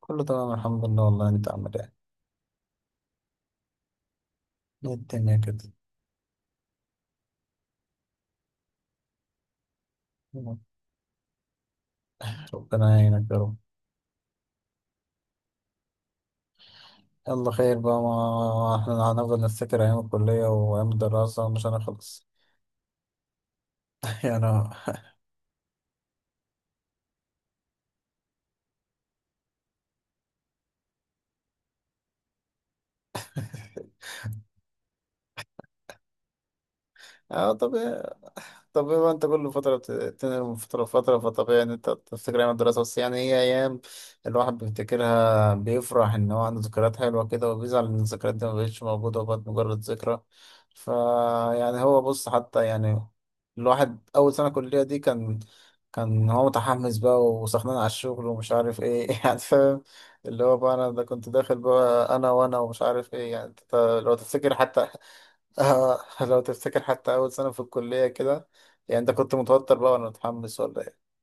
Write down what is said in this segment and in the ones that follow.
كله تمام، الحمد لله. والله انت عامل ايه؟ ايه الدنيا كده؟ ربنا يعينك يا رب. يلا خير بقى، ما احنا هنفضل نفتكر ايام الكلية وايام الدراسة مش هنخلص. يعني. اه، طبيعي. طب بما انت كل فترة بتنقل من فترة لفترة، فطبيعي ان انت تفتكر ايام الدراسة. بس يعني هي ايام الواحد بيفتكرها بيفرح ان هو عنده ذكريات حلوة كده، وبيزعل ان الذكريات دي مبقتش موجودة وبقت مجرد ذكرى. فا يعني هو بص، حتى يعني الواحد اول سنة كلية دي كان هو متحمس بقى وسخنان على الشغل ومش عارف ايه. يعني فاهم، اللي هو بقى انا ده كنت داخل بقى انا ومش عارف ايه، يعني انت لو تفتكر حتى. لو تفتكر حتى أول سنة في الكلية كده. يعني أنت كنت متوتر بقى ولا متحمس ولا إيه؟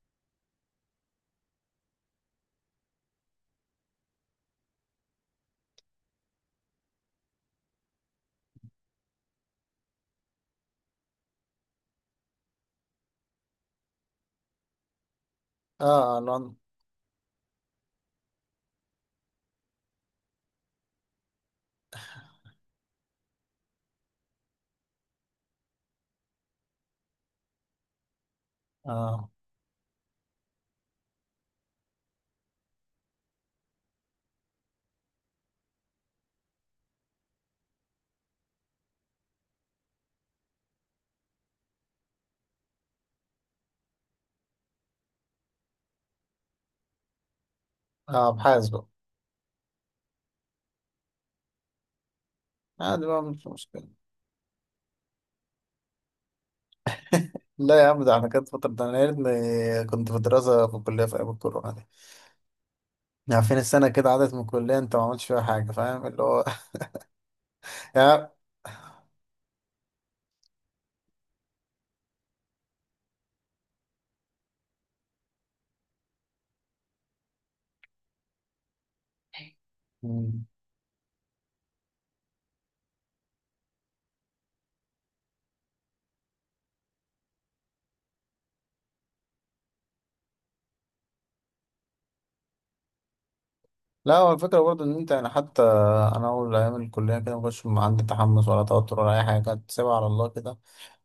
آه آه، لون. آه آه، أبحاث بقى. عادي بقى، مش مشكلة. لا يا عم، ده أنا كانت فترة، ده أنا يا ريتني كنت في دراسة في الكلية في أيام الكورونا دي. يعني فين السنة كده عدت من الكلية، أنت ما عملتش فيها حاجة، فاهم اللي هو. يعني. مم. لا، هو الفكرة برضه إن أنت يعني حتى أنا أول أيام الكلية كده ما كنتش عندي تحمس ولا توتر ولا أي حاجة، كنت سايبها على الله كده.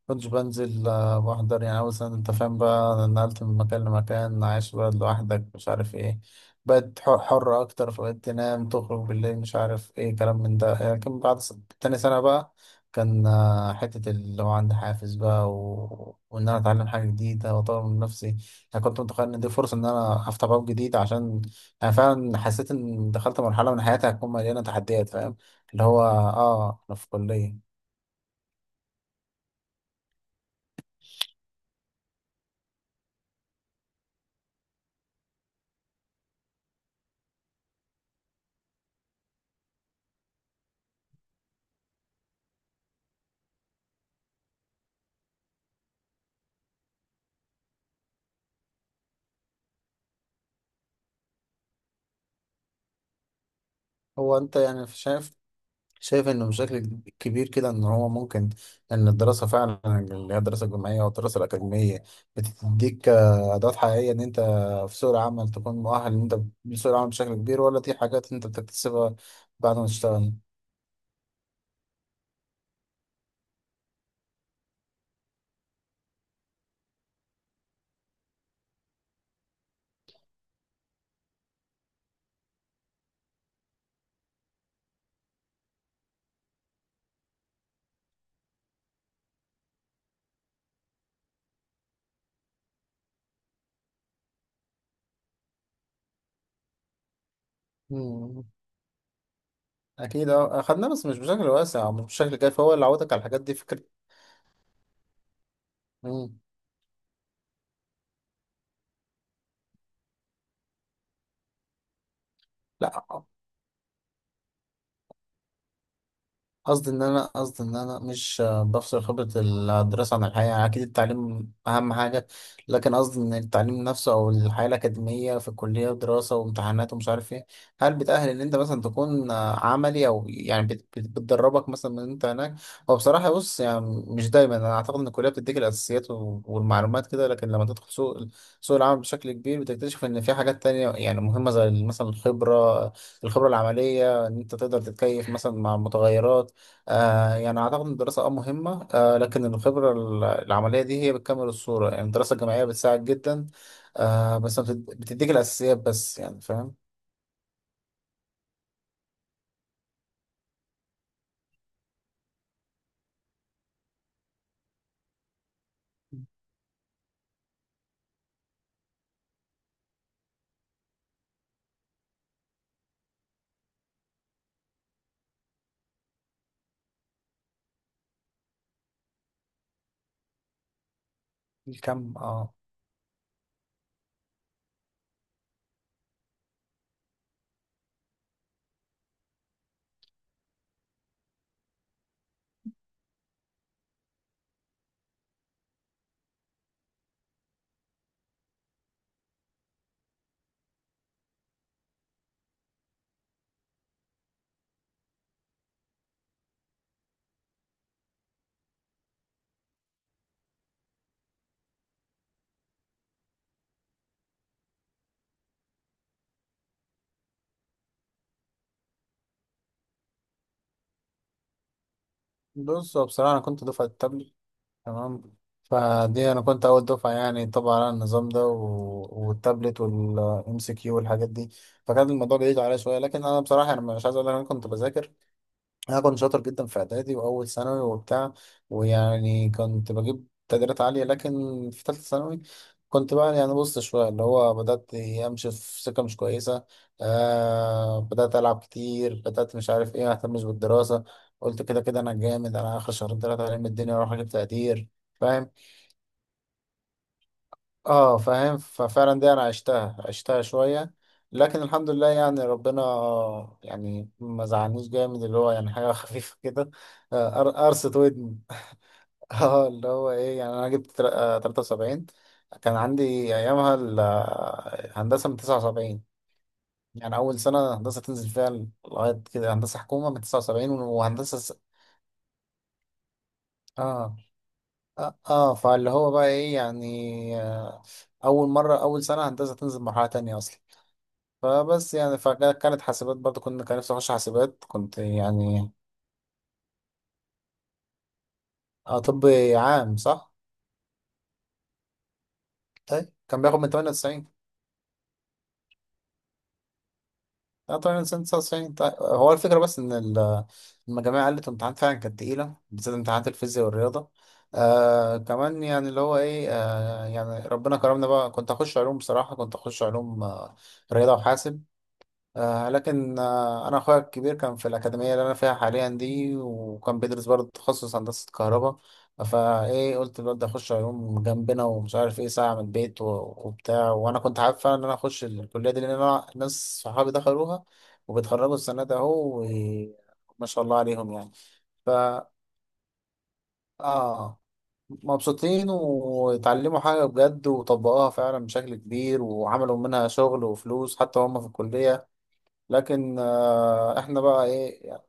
كنتش بنزل، بحضر يعني أول سنة. أنت فاهم بقى نقلت من مكان لمكان، عايش بقى لوحدك، مش عارف إيه. بقت حرة أكتر، فبقيت تنام تخرج بالليل، مش عارف إيه كلام من ده. لكن بعد تاني سنة بقى كان، حتة اللي هو عندي حافز بقى، و... وإن أنا أتعلم حاجة جديدة وأطور من نفسي. أنا كنت متخيل إن دي فرصة إن أنا أفتح باب جديد، عشان أنا فعلا حسيت إن دخلت مرحلة من حياتي هتكون مليانة تحديات، فاهم. اللي هو أنا في كلية. هو انت يعني شايف انه بشكل كبير كده ان هو ممكن ان الدراسه فعلا، اللي هي الدراسه الجامعيه والدراسه الاكاديميه، بتديك ادوات حقيقيه ان انت في سوق العمل تكون مؤهل ان انت لسوق العمل بشكل كبير، ولا دي حاجات انت بتكتسبها بعد ما تشتغل؟ مم. اكيد، اخدناه بس مش بشكل واسع أو مش بشكل كافي، هو اللي عودك على الحاجات دي، فكره. مم. لا قصدي ان انا، قصدي ان انا مش بفصل خبرة الدراسة عن الحياة، يعني اكيد التعليم اهم حاجة. لكن قصدي ان التعليم نفسه او الحياة الاكاديمية في الكلية ودراسة وامتحانات ومش عارف ايه، هل بتأهل ان انت مثلا تكون عملي، او يعني بتدربك مثلا من انت هناك؟ هو بصراحة بص، يعني مش دايما. انا اعتقد ان الكلية بتديك الاساسيات والمعلومات كده، لكن لما تدخل سوق العمل بشكل كبير بتكتشف ان في حاجات تانية يعني مهمة، زي مثلا الخبرة العملية، ان انت تقدر تتكيف مثلا مع متغيرات. يعني أعتقد إن الدراسة مهمة، لكن الخبرة العملية دي هي بتكمل الصورة. يعني الدراسة الجامعية بتساعد جدا، آه بس ما بتد- بتديك الأساسيات بس، يعني فاهم. الكم بص. هو بصراحة أنا كنت دفعة التابلت، تمام. فدي أنا كنت أول دفعة، يعني طبعا على النظام ده و... والتابلت والإم سي كيو والحاجات دي. فكان الموضوع بعيد عليا شوية، لكن أنا بصراحة أنا مش عايز أقول لك أنا كنت بذاكر. انا كنت شاطر جدا في اعدادي واول ثانوي وبتاع، ويعني كنت بجيب تقديرات عاليه. لكن في ثالثه ثانوي كنت بقى يعني بص شويه، اللي هو بدات امشي في سكه مش كويسه. بدات العب كتير، بدات مش عارف ايه، ما اهتمش بالدراسه. قلت كده كده انا جامد، انا اخر شهرين ثلاثه علم الدنيا اروح اجيب تقدير، فاهم. اه فاهم، ففعلا دي انا عشتها، عشتها شوية. لكن الحمد لله يعني ربنا، يعني ما زعلنيش جامد، اللي هو يعني حاجة خفيفة كده. قرصة ودن. اه اللي هو ايه، يعني انا جبت 73. كان عندي ايامها هندسة من 79، يعني اول سنة هندسة تنزل فيها لغاية كده. هندسة حكومة من 79 وهندسة اه اه. فاللي هو بقى ايه، يعني اول مرة اول سنة هندسة تنزل مرحلة تانية اصلا. فبس يعني، فكانت حاسبات برضه، كان نفسي اخش حاسبات كنت يعني. اه طب، عام صح؟ طيب كان بياخد من 98، اه 98 99. طيب هو الفكرة بس ان المجاميع قلت، الامتحانات فعلا كانت تقيلة، بالذات امتحانات الفيزياء والرياضة. آه كمان يعني اللي هو ايه، يعني ربنا كرمنا بقى. كنت اخش علوم، رياضة وحاسب. لكن أنا أخويا الكبير كان في الأكاديمية اللي أنا فيها حاليا دي، وكان بيدرس برضه تخصص هندسة كهرباء. فإيه، قلت الواد ده أخش علوم جنبنا، ومش عارف إيه ساعة من البيت وبتاع. وأنا كنت حابب فعلا إن أنا أخش الكلية دي، لأن أنا ناس صحابي دخلوها وبيتخرجوا السنة ده أهو، وما شاء الله عليهم يعني. ف آه مبسوطين، واتعلموا حاجة بجد وطبقوها فعلا بشكل كبير، وعملوا منها شغل وفلوس حتى وهم في الكلية. لكن احنا بقى ايه.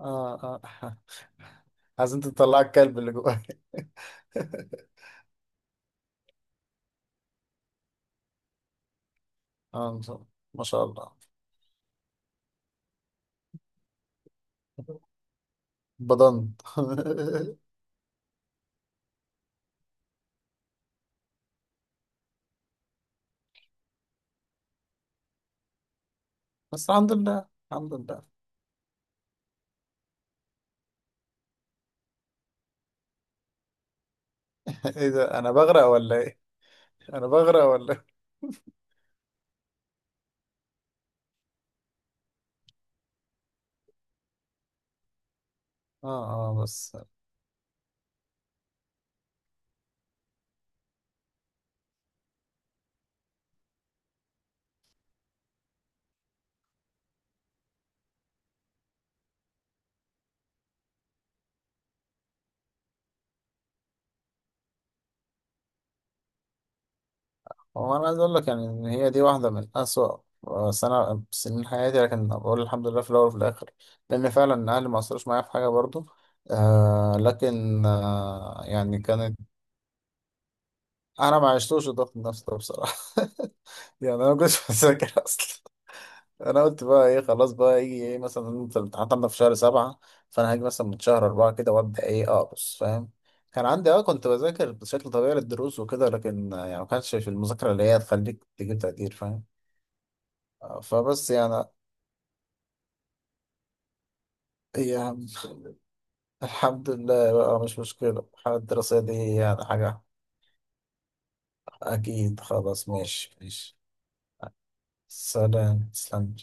آه آه عايزين تطلع الكلب اللي جواك. اه، إن شاء الله. ما شاء الله. بضنت. بس الحمد لله، الحمد لله. ايه ده، انا بغرق ولا ايه؟ انا بغرق ولا ايه؟ اه بس. هو انا عايز اقول لك، يعني ان هي دي واحده من اسوأ آه، سنه سنين حياتي، لكن بقول الحمد لله في الاول وفي الاخر، لان فعلا اهلي ما قصروش معايا في حاجه برضو. لكن يعني كان. انا ما عشتوش الضغط النفسي ده بصراحه. يعني انا ما كنتش بذاكر اصلا. انا قلت بقى ايه، خلاص بقى يجي ايه، مثلا انت الامتحانات عندك في شهر سبعة، فانا هاجي مثلا من شهر اربعة كده وابدا ايه اقص، فاهم. كان عندي كنت بذاكر بشكل طبيعي للدروس وكده، لكن يعني ما كانش في المذاكره اللي هي تخليك تجيب تقدير، فاهم. فبس يعني. هي الحمد لله بقى، مش مشكله الحاله الدراسيه دي يعني حاجه. اكيد خلاص، ماشي ماشي. سلام، تسلم.